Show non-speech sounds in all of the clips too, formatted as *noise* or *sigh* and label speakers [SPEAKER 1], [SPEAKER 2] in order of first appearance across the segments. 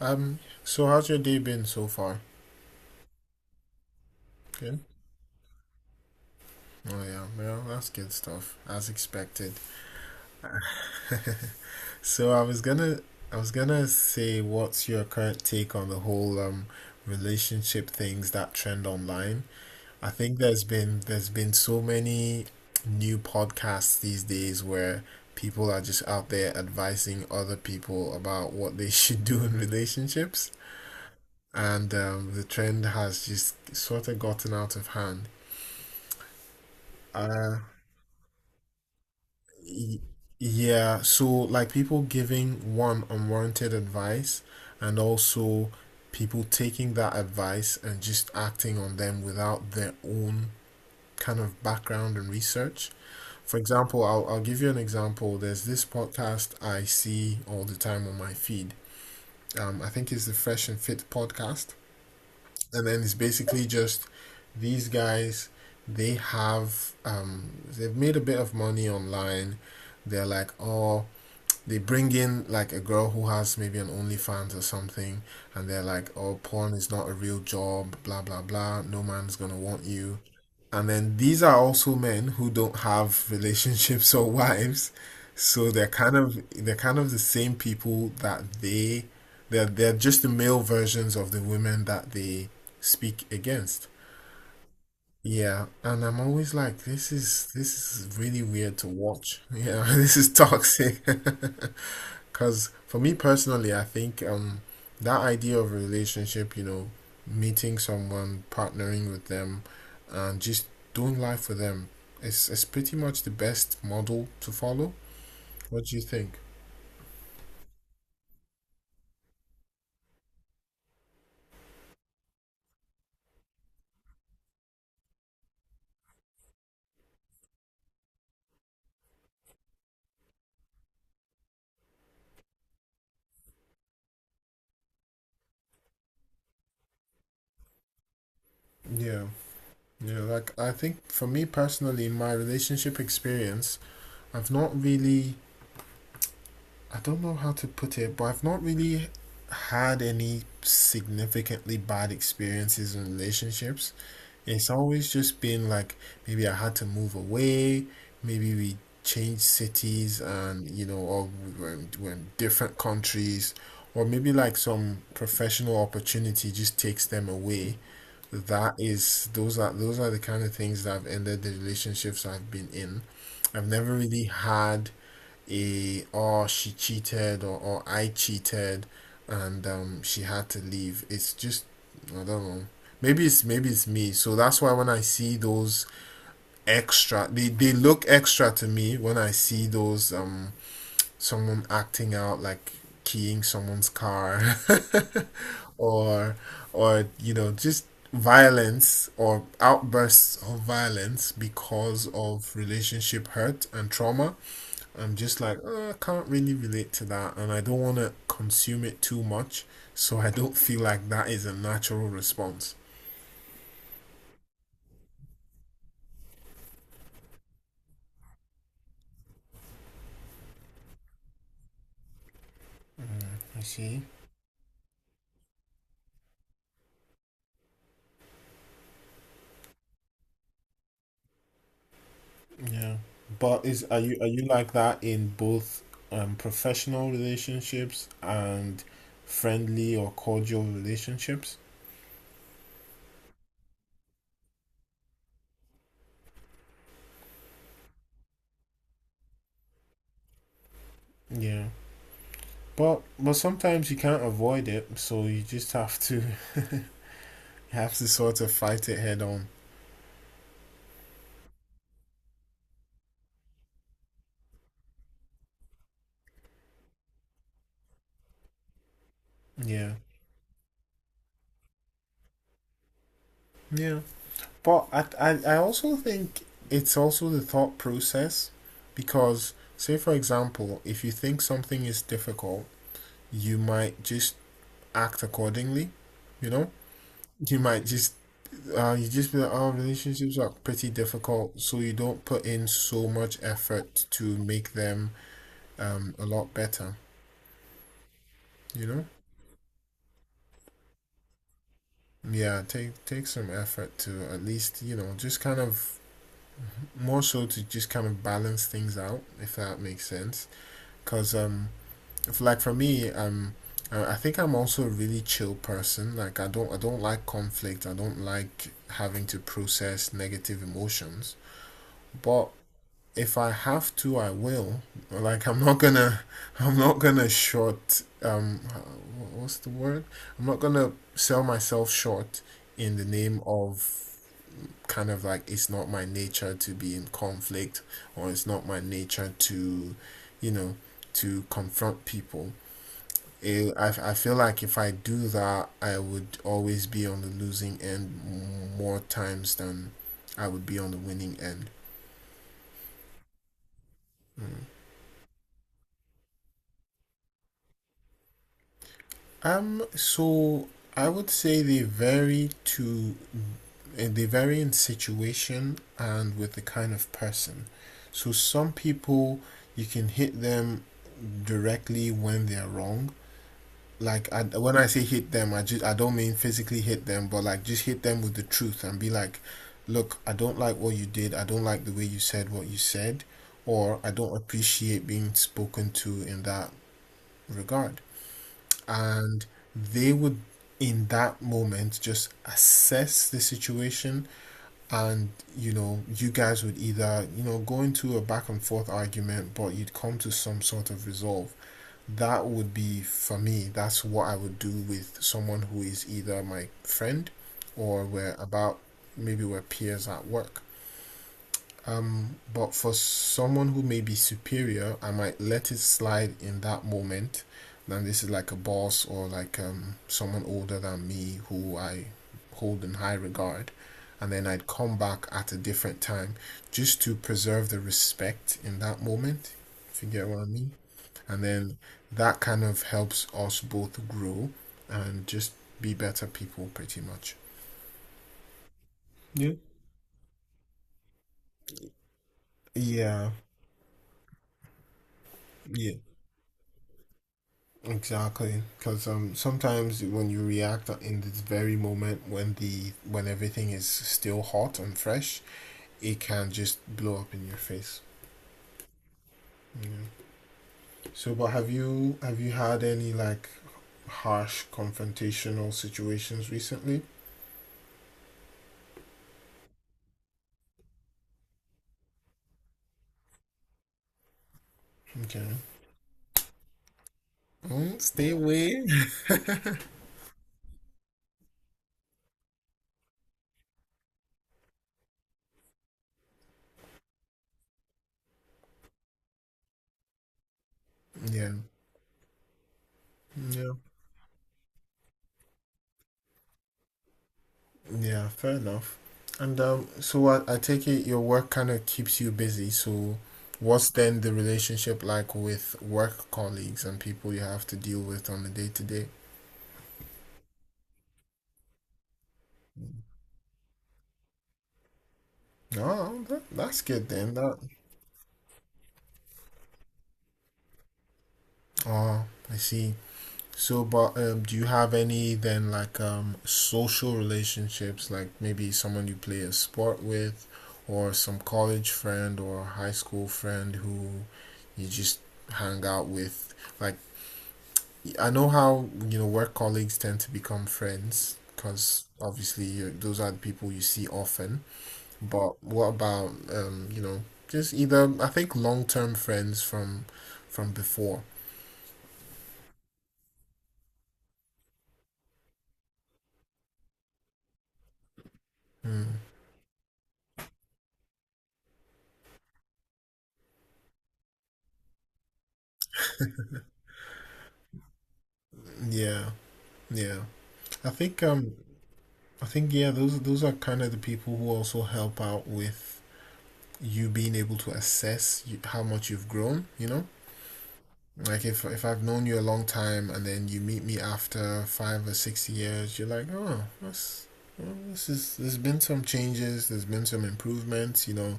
[SPEAKER 1] Um, so how's your day been so far? Good. Oh yeah, well, that's good stuff, as expected. So I was gonna, I was gonna say, what's your current take on the whole relationship things that trend online? I think there's been so many new podcasts these days where people are just out there advising other people about what they *laughs* should do in relationships, and the trend has just sort of gotten out of hand. Uh, Y- Yeah, so like people giving one unwarranted advice and also people taking that advice and just acting on them without their own kind of background and research. For example, I'll give you an example. There's this podcast I see all the time on my feed. I think it's the Fresh and Fit podcast. And then it's basically just these guys. They've made a bit of money online. They're like, oh, they bring in like a girl who has maybe an OnlyFans or something, and they're like, "Oh, porn is not a real job, blah blah blah. No man's gonna want you." And then these are also men who don't have *laughs* relationships or wives, so they're kind of the same people that they're just the male versions of the women that they speak against. Yeah, and I'm always like, this is really weird to watch. Yeah, *laughs* this is toxic. *laughs* Because for me personally, I think that idea of a relationship, you know, meeting someone, partnering with them, and just doing life with them is pretty much the best model to follow. What do you think? Yeah, yeah, like I think for me personally, in my relationship experience, I've not really, I don't know how to put it, but I've not really had any significantly bad experiences in relationships. It's always just been like maybe I had to move away, maybe we changed cities, and you know, or we're in different countries, or maybe like some professional opportunity just takes them away. That is, those are the kind of things that have ended the relationships I've been in. I've never really had a, or she cheated, or I cheated, and she had to leave. It's just I don't know. Maybe it's me. So that's why when I see those extra, they look extra to me when I see those, someone acting out like keying someone's car *laughs* or you know, just violence or outbursts of violence because of relationship hurt and trauma. I'm just like, I can't really relate to that, and I don't want to consume it too much, so I don't feel like that is a natural response." I see. Yeah. But is are you like that in both professional relationships and friendly or cordial relationships? Yeah. But sometimes you can't avoid it, so you just have to *laughs* have to sort of fight it head on. Yeah. Yeah. But I also think it's also the thought process because, say, for example, if you think something is difficult, you might just act accordingly, you know? You might just, you just be like, oh, relationships are pretty difficult, so you don't put in so much effort to make them, a lot better, you know? Yeah, take some effort to at least, you know, just kind of more so to just kind of balance things out, if that makes sense. Because if like for me, I think I'm also a really chill person. Like I don't like conflict. I don't like having to process negative emotions, but if I have to, I will. Like I'm not gonna *laughs* I'm not gonna short um what's the word I'm not gonna sell myself short in the name of, kind of like it's not my nature to be in conflict, or it's not my nature to, you know, to confront people. I feel like if I do that, I would always be on the losing end more times than I would be on the winning end. So I would say they vary in situation and with the kind of person. So some people you can hit them directly when they're wrong. Like, when I say hit them, I don't mean physically hit them, but like just hit them with the truth and be like, look, I don't like what you did. I don't like the way you said what you said, or I don't appreciate being spoken to in that regard. And they would in that moment just assess the situation, and you know, you guys would either, you know, go into a back and forth argument, but you'd come to some sort of resolve. That would be for me. That's what I would do with someone who is either my friend, or we're about, maybe we're peers at work. But for someone who may be superior, I might let it slide in that moment. Then this is like a boss, or like someone older than me who I hold in high regard, and then I'd come back at a different time, just to preserve the respect in that moment, if you get what I mean. And then that kind of helps us both grow and just be better people, pretty much. Yeah. yeah yeah, exactly, because sometimes when you react in this very moment, when the when everything is still hot and fresh, it can just blow up in your face. You know. So but have you had any like harsh confrontational situations recently? Okay. Mm, stay away. *laughs* Yeah, yeah. Yeah, fair enough. And so I take it your work kind of keeps you busy. So what's then the relationship like with work colleagues and people you have to deal with on a day to day? Oh, that's good then. That oh, I see. So, but do you have any then, like, social relationships, like maybe someone you play a sport with, or some college friend or high school friend who you just hang out with? Like, I know how, you know, work colleagues tend to become friends because obviously you those are the people you see often. But what about, you know, just either, I think long-term friends from before. Mm, yeah, yeah. I think um I think yeah, those are kind of the people who also help out with you being able to assess you, how much you've grown, you know? Like if I've known you a long time and then you meet me after 5 or 6 years, you're like, oh, that's this is, there's been some changes. There's been some improvements. You know,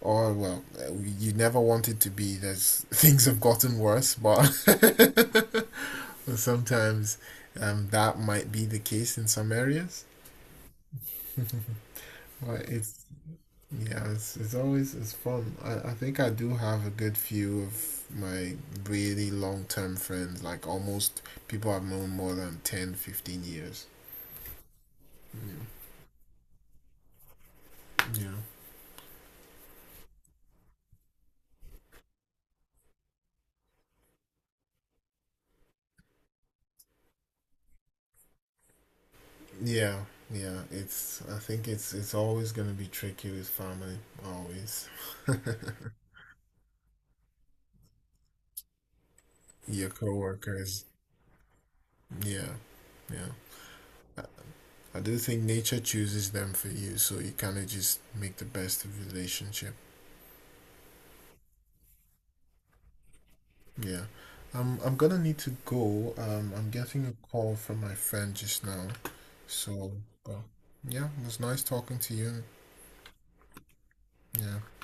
[SPEAKER 1] or well, you never want it to be. There's *laughs* things have gotten worse, but *laughs* sometimes, that might be the case in some areas. *laughs* but it's Yeah, it's always it's fun. I think I do have a good few of my really long term friends. Like almost people I've known more than 10, 15 years. Yeah. Yeah. Yeah, yeah. It's I think it's always gonna be tricky with family, always. *laughs* Your coworkers. Yeah, yeah. I do think nature chooses them for you, so you kind of just make the best of the relationship. Yeah. I'm gonna need to go. I'm getting a call from my friend just now. So, uh, yeah, it was nice talking to you. Yeah.